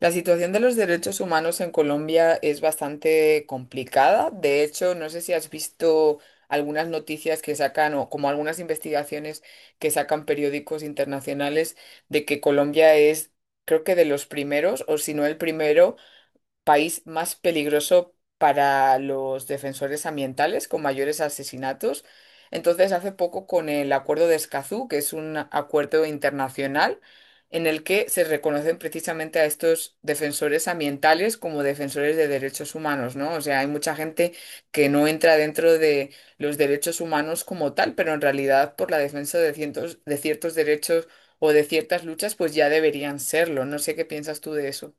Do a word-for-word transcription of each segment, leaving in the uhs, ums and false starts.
La situación de los derechos humanos en Colombia es bastante complicada. De hecho, no sé si has visto algunas noticias que sacan o como algunas investigaciones que sacan periódicos internacionales de que Colombia es, creo que de los primeros, o si no el primero país más peligroso para los defensores ambientales, con mayores asesinatos. Entonces, hace poco con el Acuerdo de Escazú, que es un acuerdo internacional en el que se reconocen precisamente a estos defensores ambientales como defensores de derechos humanos, ¿no? O sea, hay mucha gente que no entra dentro de los derechos humanos como tal, pero en realidad por la defensa de cientos- de ciertos derechos o de ciertas luchas, pues ya deberían serlo. No sé qué piensas tú de eso.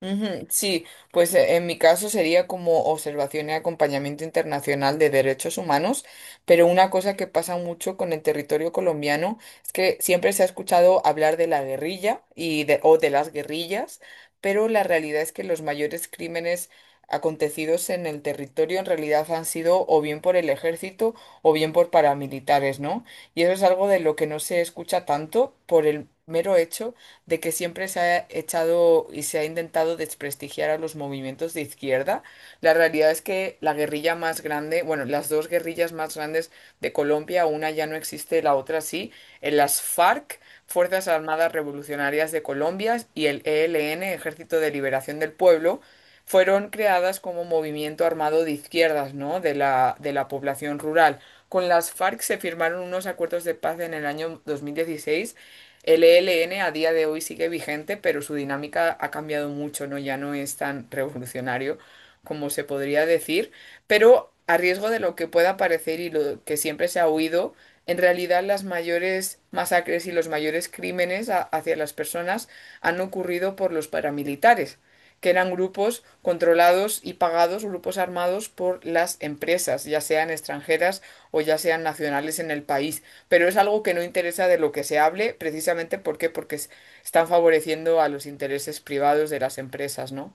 Ujú, sí, pues eh, en mi caso sería como observación y acompañamiento internacional de derechos humanos, pero una cosa que pasa mucho con el territorio colombiano es que siempre se ha escuchado hablar de la guerrilla y de, o de las guerrillas, pero la realidad es que los mayores crímenes acontecidos en el territorio en realidad han sido o bien por el ejército o bien por paramilitares, ¿no? Y eso es algo de lo que no se escucha tanto por el mero hecho de que siempre se ha echado y se ha intentado desprestigiar a los movimientos de izquierda. La realidad es que la guerrilla más grande, bueno, las dos guerrillas más grandes de Colombia, una ya no existe, la otra sí, en las FARC, Fuerzas Armadas Revolucionarias de Colombia, y el E L N, Ejército de Liberación del Pueblo, fueron creadas como movimiento armado de izquierdas, ¿no? De la, de la población rural. Con las FARC se firmaron unos acuerdos de paz en el año dos mil dieciséis. El E L N a día de hoy sigue vigente, pero su dinámica ha cambiado mucho, ¿no? Ya no es tan revolucionario como se podría decir, pero a riesgo de lo que pueda parecer y lo que siempre se ha oído, en realidad las mayores masacres y los mayores crímenes a- hacia las personas han ocurrido por los paramilitares que eran grupos controlados y pagados, grupos armados por las empresas, ya sean extranjeras o ya sean nacionales en el país. Pero es algo que no interesa de lo que se hable, precisamente ¿por qué? Porque es- están favoreciendo a los intereses privados de las empresas, ¿no?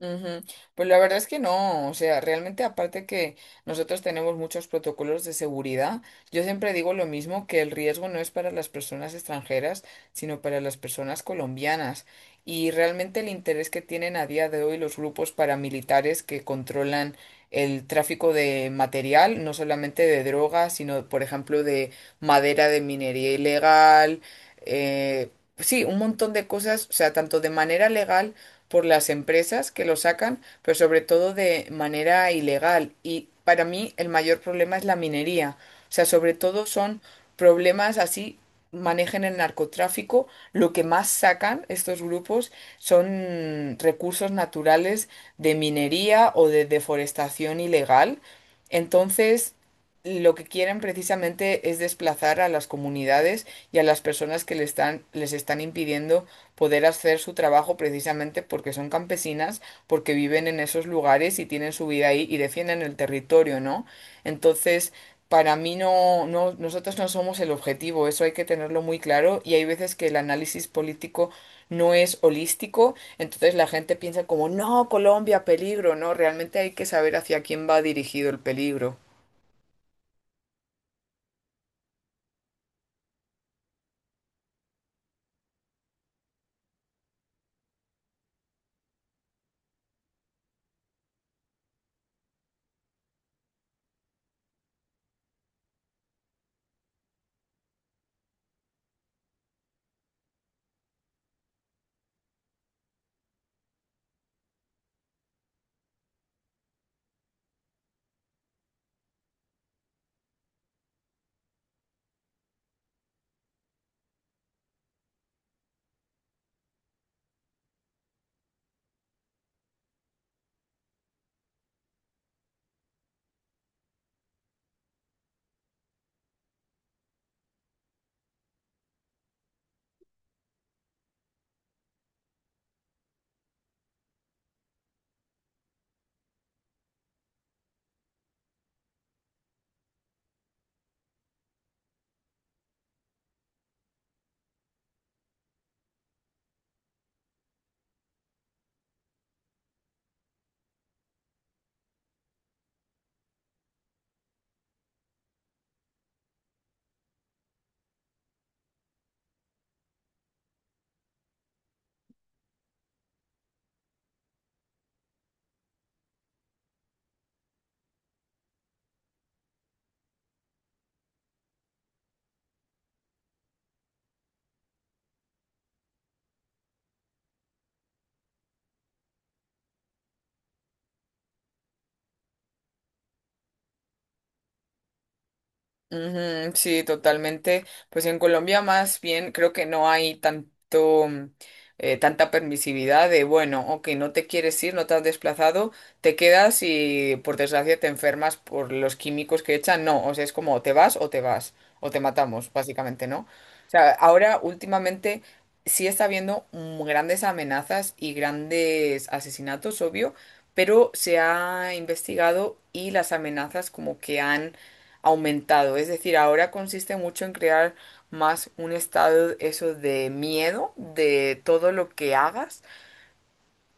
Ujú. Pues la verdad es que no, o sea, realmente aparte que nosotros tenemos muchos protocolos de seguridad, yo siempre digo lo mismo, que el riesgo no es para las personas extranjeras, sino para las personas colombianas. Y realmente el interés que tienen a día de hoy los grupos paramilitares que controlan el tráfico de material, no solamente de drogas, sino, por ejemplo, de madera de minería ilegal, eh, sí, un montón de cosas, o sea, tanto de manera legal por las empresas que lo sacan, pero sobre todo de manera ilegal. Y para mí el mayor problema es la minería. O sea, sobre todo son problemas así manejen el narcotráfico, lo que más sacan estos grupos son recursos naturales de minería o de deforestación ilegal. Entonces, lo que quieren precisamente es desplazar a las comunidades y a las personas que le están- les están impidiendo poder hacer su trabajo precisamente porque son campesinas, porque viven en esos lugares y tienen su vida ahí y defienden el territorio, ¿no? Entonces, para mí no, no, nosotros no somos el objetivo, eso hay que tenerlo muy claro y hay veces que el análisis político no es holístico, entonces la gente piensa como, no, Colombia, peligro, no, realmente hay que saber hacia quién va dirigido el peligro. Ujú, sí, totalmente. Pues en Colombia más bien creo que no hay tanto, mm, eh, tanta permisividad de, bueno, ok, no te quieres ir, no te has desplazado, te quedas y por desgracia te enfermas por los químicos que echan. No, o sea, es como o te vas o te vas, o te matamos, básicamente, ¿no? O sea, ahora últimamente sí está habiendo mm, grandes amenazas y grandes asesinatos, obvio, pero se ha investigado y las amenazas como que han aumentado. Es decir, ahora consiste mucho en crear más un estado eso de miedo de todo lo que hagas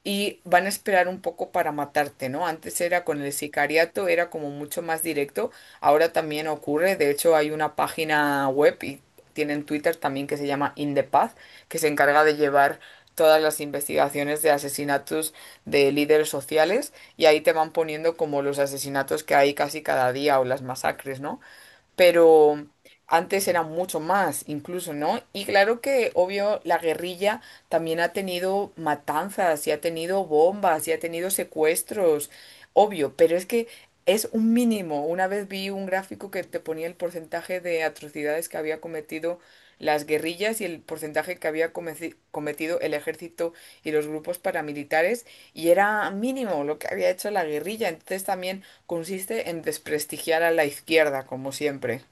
y van a esperar un poco para matarte, ¿no? Antes era con el sicariato, era como mucho más directo, ahora también ocurre, de hecho hay una página web y tienen Twitter también que se llama In the Path, que se encarga de llevar todas las investigaciones de asesinatos de líderes sociales y ahí te van poniendo como los asesinatos que hay casi cada día o las masacres, ¿no? Pero antes eran mucho más, incluso, ¿no? Y claro que, obvio, la guerrilla también ha tenido matanzas y ha tenido bombas y ha tenido secuestros, obvio, pero es que es un mínimo. Una vez vi un gráfico que te ponía el porcentaje de atrocidades que había cometido las guerrillas y el porcentaje que había comeci- cometido el ejército y los grupos paramilitares y era mínimo lo que había hecho la guerrilla. Entonces también consiste en desprestigiar a la izquierda, como siempre.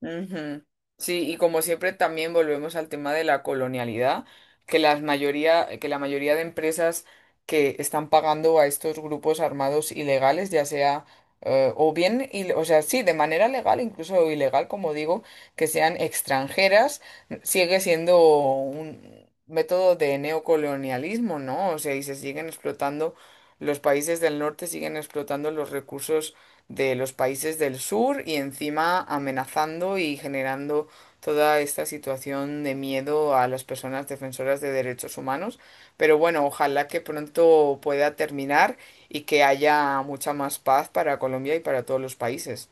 Ujú. Sí, y como siempre también volvemos al tema de la colonialidad, que las mayoría, que la mayoría de empresas que están pagando a estos grupos armados ilegales, ya sea eh, o bien, il- o sea, sí, de manera legal, incluso ilegal, como digo, que sean extranjeras, sigue siendo un método de neocolonialismo, ¿no? O sea, y se siguen explotando, los países del norte siguen explotando los recursos de los países del sur y encima amenazando y generando toda esta situación de miedo a las personas defensoras de derechos humanos. Pero bueno, ojalá que pronto pueda terminar y que haya mucha más paz para Colombia y para todos los países.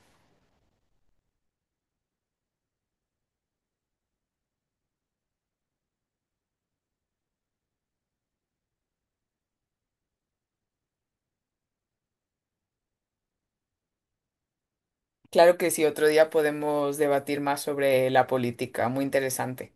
Claro que sí, otro día podemos debatir más sobre la política, muy interesante.